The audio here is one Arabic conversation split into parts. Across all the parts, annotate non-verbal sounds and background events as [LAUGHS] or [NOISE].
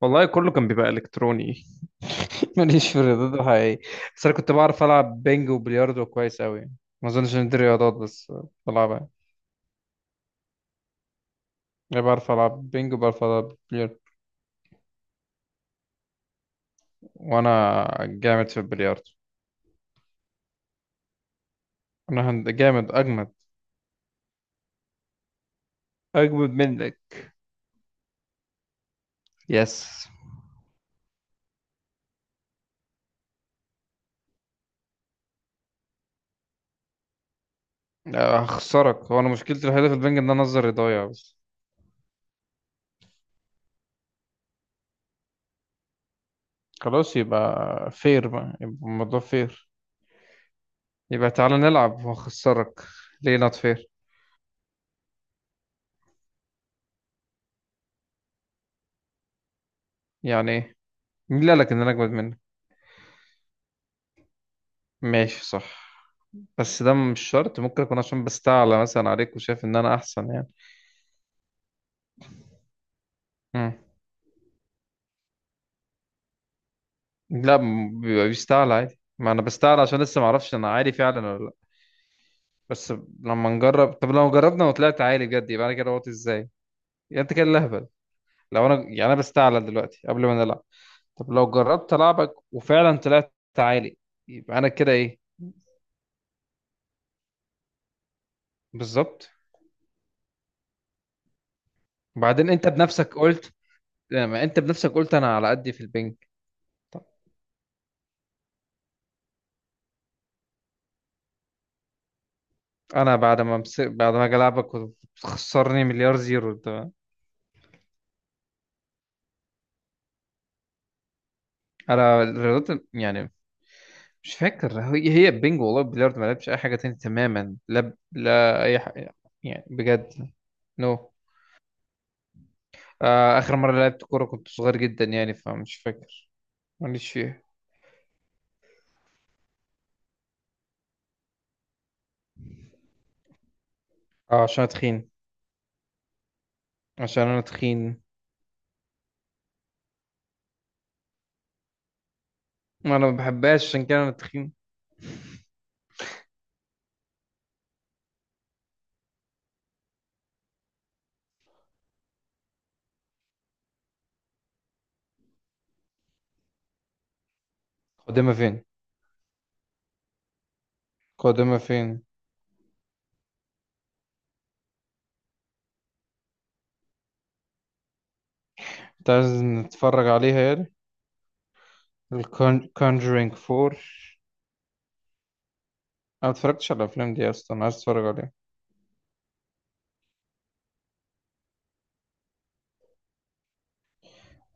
والله كله كان بيبقى الكتروني. [LAUGHS] ماليش في الرياضات الحقيقية. بس انا كنت بعرف العب بينج وبلياردو كويس اوي يعني. ما اظنش ان دي رياضات، بس بلعبها يعني. أنا بعرف العب بينج وبعرف العب بلياردو، وانا جامد في البلياردو. انا جامد، اجمد اجمد منك. يس. هخسرك. هو انا مشكلتي الوحيدة في البنج ان انا نظري ضايع بس. خلاص، يبقى فير بقى، يبقى الموضوع فير. يبقى تعالى نلعب وهخسرك. ليه نوت فير؟ يعني ايه؟ مين اللي قالك ان انا اجمد منك؟ ماشي، صح. بس ده مش شرط، ممكن أكون عشان بستعلى مثلا عليك وشايف إن أنا أحسن يعني. مم. لا، بيبقى بيستعلى عادي، ما أنا بستعلى عشان لسه معرفش أنا عالي فعلا ولا لأ. بس لما نجرب، طب لو جربنا وطلعت عالي بجد، يبقى أنا كده وطي إزاي؟ يعني أنت كده لهبل. لو أنا يعني أنا بستعلى دلوقتي قبل ما نلعب، طب لو جربت ألعبك وفعلا طلعت عالي، يبقى أنا كده إيه؟ بالظبط. وبعدين أنت بنفسك قلت، ما أنت بنفسك قلت أنا على قدي في البنج. أنا بعد ما بعد ما أجي ألعبك وتخسرني مليار زيرو. انا الرياضات يعني مش فاكر، هي هي البنج والله بلياردو، ما لعبتش اي حاجه تاني تماما، لا اي حاجه. يعني بجد. نو no. آه، اخر مره لعبت كوره كنت صغير جدا يعني فمش فاكر. ماليش فيها. اه عشان أنا تخين. عشان انا تخين. انا ما بحبهاش عشان كده انا تخين. قدامها فين؟ قدامها فين؟ انت عايز نتفرج عليها يعني الكونجرينج فور؟ انا ما اتفرجتش على الافلام دي اصلا، عايز اتفرج عليها.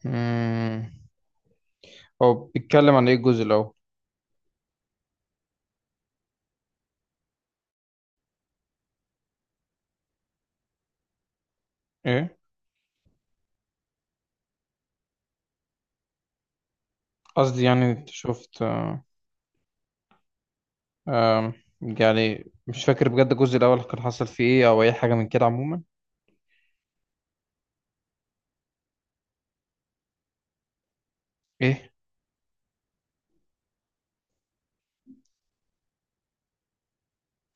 امم. هو بيتكلم عن ايه الجزء الاول؟ ايه؟ قصدي يعني انت شفت؟ آم، يعني مش فاكر بجد الجزء الأول كان حصل فيه ايه أو أي حاجة من كده عموما. ايه؟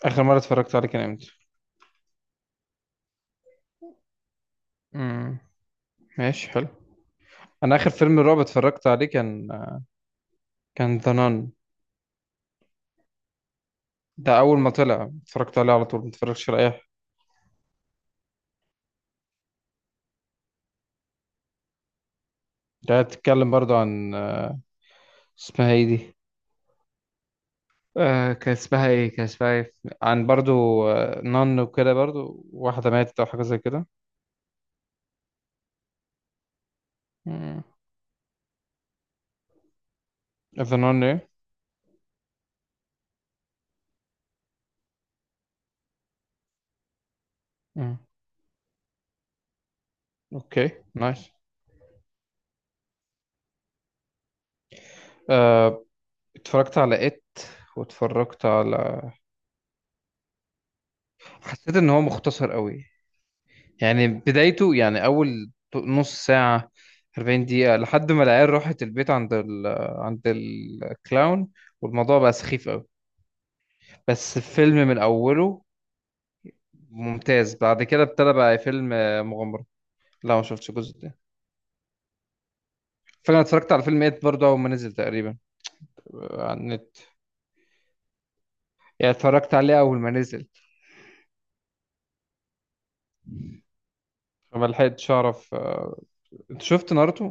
آخر مرة اتفرجت عليه كان امتى؟ امم. ماشي، حلو. أنا آخر فيلم رعب اتفرجت عليه كان كان ذا نان. ده أول ما طلع اتفرجت عليه على طول، متفرجش على أي حاجة. ده بتتكلم برضو عن اسمها ايه دي؟ آه كان اسمها ايه، كان اسمها ايه؟ عن برضو آه، نان وكده، برضو واحدة ماتت أو حاجة زي كده. امم. ذا نان ايه؟ مم. اوكي، نايس. آه، اتفرجت على ات، واتفرجت على، حسيت ان هو مختصر قوي. يعني بدايته يعني اول نص ساعة، 40 دقيقة لحد ما العيال راحت البيت عند عند الكلاون، والموضوع بقى سخيف قوي. بس الفيلم من اوله ممتاز، بعد كده ابتدى بقى فيلم مغامرة. لا ما شفتش الجزء ده. فاكر انا اتفرجت على فيلم ات برضه اول ما نزل تقريبا، آه، على النت. يعني اتفرجت عليه اول ما نزل، فما لحقتش اعرف آه، انت شفت ناruto؟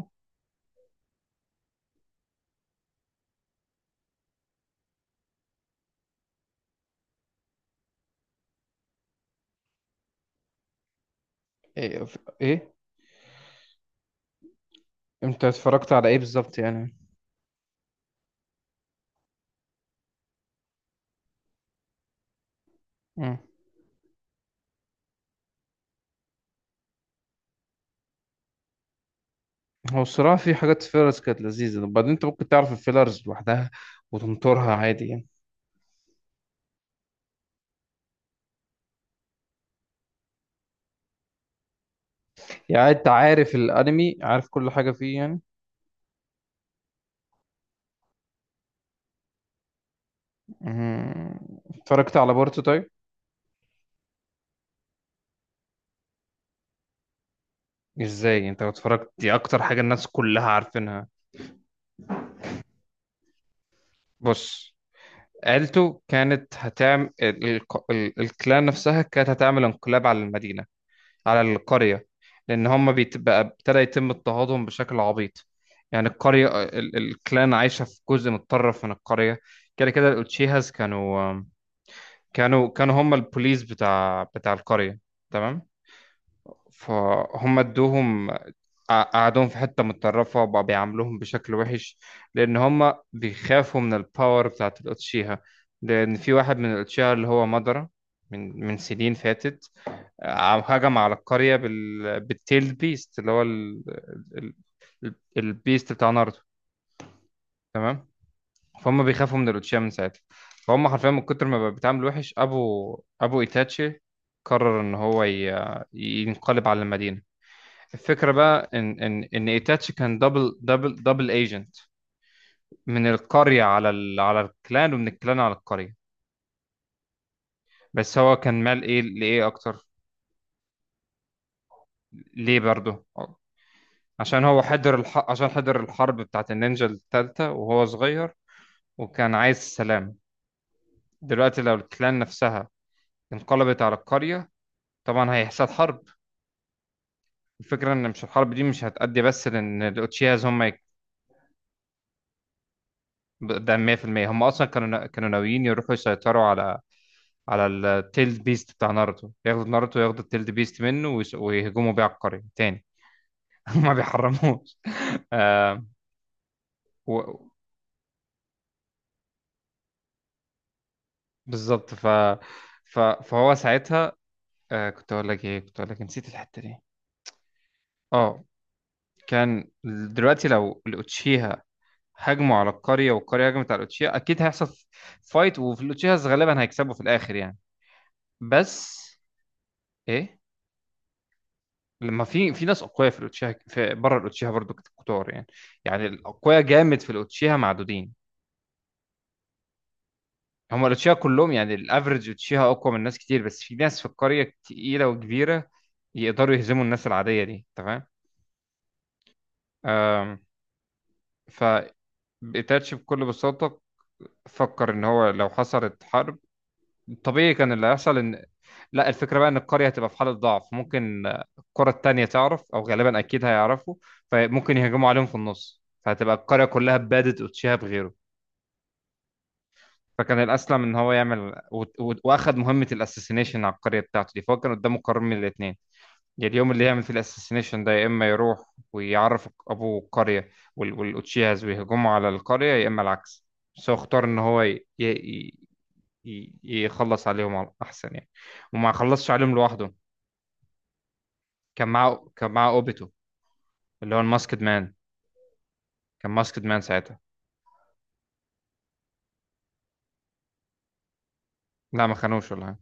ايه؟ إيه؟ انت اتفرجت على ايه بالظبط يعني؟ مم. هو الصراحة في حاجات فيلرز كانت لذيذة، وبعدين انت ممكن تعرف الفيلرز لوحدها وتنطرها عادي يعني. يعني انت عارف الانمي، عارف كل حاجة فيه يعني. مم. اتفرجت على بورتو طيب؟ ازاي انت لو اتفرجت، دي اكتر حاجة الناس كلها عارفينها. بص، عيلته كانت هتعمل الكلان نفسها كانت هتعمل انقلاب على المدينة، على القرية. لأن هم بقى ابتدى يتم اضطهادهم بشكل عبيط. يعني القرية الكلان عايشة في جزء متطرف من القرية. كده كده الأوتشيهاس كانوا، كانوا هم البوليس بتاع بتاع القرية، تمام؟ فهم ادوهم، قعدوهم في حتة متطرفة وبقى بيعاملوهم بشكل وحش. لأن هم بيخافوا من الباور بتاعت الأوتشيها. لأن في واحد من الأوتشيها اللي هو مدرة، من سنين فاتت عم هجم على القرية بالتيلد بيست اللي هو ال... البيست بتاع ناروتو، تمام. فهم بيخافوا من الأوتشيما من ساعتها. فهم حرفيا من كتر ما بقى بيتعامل وحش، أبو إيتاتشي قرر إن هو ينقلب على المدينة. الفكرة بقى إن إيتاتشي كان دبل ايجنت، من القرية على على الكلان ومن الكلان على القرية. بس هو كان مال إيه لإيه أكتر؟ ليه برضه؟ عشان هو حضر عشان حضر الحرب بتاعت النينجا التالتة وهو صغير، وكان عايز السلام. دلوقتي لو الكلان نفسها انقلبت على القرية، طبعا هيحصل حرب. الفكرة ان مش الحرب دي مش هتأدي بس، لان الاوتشياز هم ده 100% هم اصلا كانوا ناويين يروحوا يسيطروا على، على التيلد بيست بتاع ناروتو، ياخدوا ناروتو، ياخدوا التيلد بيست منه ويهجموا بيه على القرية تاني. [LAUGHS] ما بيحرموش. آه... و... بالظبط فهو ساعتها، آه كنت اقول لك ايه، كنت اقول لك نسيت الحتة دي. اه، كان، دلوقتي لو الاوتشيها هجموا على القرية والقرية هجمت على الاوتشيها، اكيد هيحصل فايت، وفي الاوتشيها غالبا هيكسبوا في الاخر يعني. بس ايه، لما في ناس اقوياء في الاوتشيها، في بره الاوتشيها برضو كتار يعني. يعني الاقوياء جامد في الاوتشيها معدودين. هم الاوتشيها كلهم يعني الافرج اوتشيها اقوى من ناس كتير، بس في ناس في القرية تقيلة وكبيرة يقدروا يهزموا الناس العادية دي، تمام. آم، ف بتاتش بكل بساطة فكر ان هو لو حصلت حرب، طبيعي كان اللي هيحصل ان، لا الفكره بقى ان القريه هتبقى في حاله ضعف، ممكن القرى التانية تعرف او غالبا اكيد هيعرفوا، فممكن يهجموا عليهم في النص، فهتبقى القريه كلها بادت اوتشيها بغيره. فكان الاسلم ان هو يعمل واخد مهمه الاساسينيشن على القريه بتاعته دي. فهو كان قدامه قرار من الاثنين، يا اليوم اللي يعمل فيه الاساسينيشن ده، يا اما يروح ويعرف ابو القريه والاوتشيهاز ويهجموا على القريه، يا اما العكس. بس هو اختار ان هو يخلص عليهم احسن يعني. وما خلصش عليهم لوحده، كان معاه اوبيتو اللي هو الماسكد مان، كان ماسكد مان ساعتها. لا ما خانوش ولا حاجه.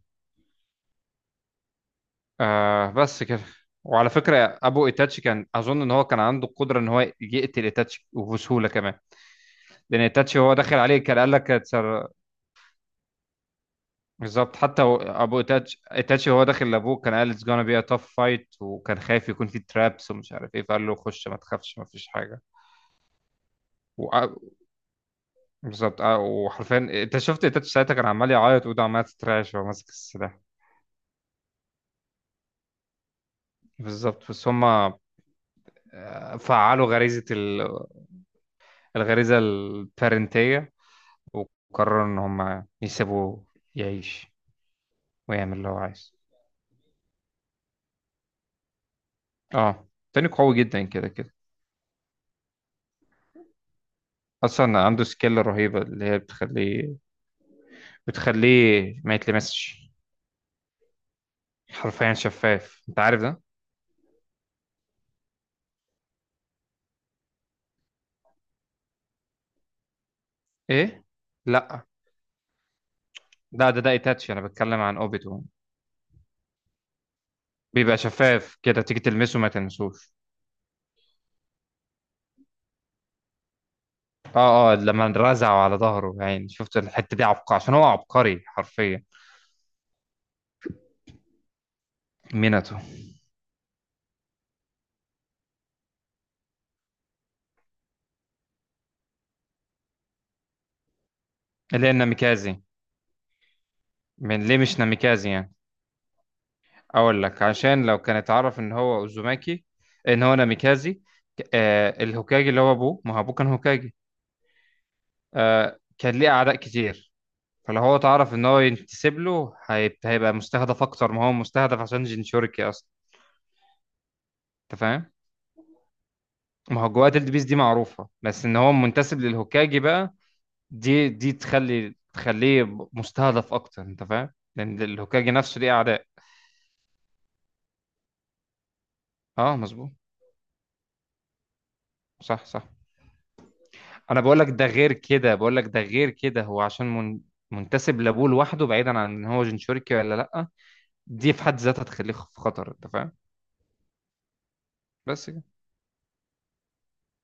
آه بس كده. وعلى فكره ابو ايتاتشي كان اظن ان هو كان عنده القدره ان هو يقتل ايتاتشي وبسهوله كمان. لان ايتاتشي هو داخل عليه كان قال لك بالظبط. حتى ابو ايتاتشي، ايتاتشي هو داخل لابوه، كان قال اتس جونا بي ا تاف فايت، وكان خايف يكون في ترابس ومش عارف ايه، فقال له خش ما تخافش، ما فيش حاجه. بالظبط. اه وحرفيا انت شفت تاتش ساعتها كان عمال يعيط وايده عماله تترعش وهو ماسك السلاح. بالظبط. بس هما آه، فعلوا غريزة الغريزة البارنتية وقرروا ان هما يسيبوه يعيش ويعمل اللي هو عايزه. اه تاني قوي جدا كده كده. اصلا عنده سكيل رهيبة اللي هي بتخليه، بتخليه ما يتلمسش، حرفيا شفاف، انت عارف ده. ايه؟ لا لا، ده ده ايتاتشي، انا بتكلم عن اوبيتو. بيبقى شفاف كده، تيجي تلمسه ما تلمسوش. اه اه لما رزعوا على ظهره يعني، شفت الحتة دي، عبقري عشان هو عبقري حرفيا. ميناتو. اللي هي الناميكازي. من ليه مش ناميكازي يعني؟ اقول لك، عشان لو كان اتعرف ان هو اوزوماكي، ان هو ناميكازي، آه الهوكاجي اللي هو ابوه، ما هو ابوه كان هوكاجي، آه كان ليه اعداء كتير. فلو هو اتعرف ان هو ينتسب له، هيبقى مستهدف اكتر ما هو مستهدف عشان جينشوريكي اصلا. انت فاهم؟ ما هو جوات البيس دي معروفة، بس ان هو منتسب للهوكاجي بقى، دي تخلي تخليه مستهدف اكتر، انت فاهم، لان الهوكاجي نفسه ليه اعداء. اه مظبوط. صح صح. انا بقول لك ده غير كده، بقول لك ده غير كده، هو عشان من منتسب لابوه لوحده، بعيدا عن ان هو جنشوريكي ولا لا، دي في حد ذاتها تخليه في خطر، انت فاهم. بس كده.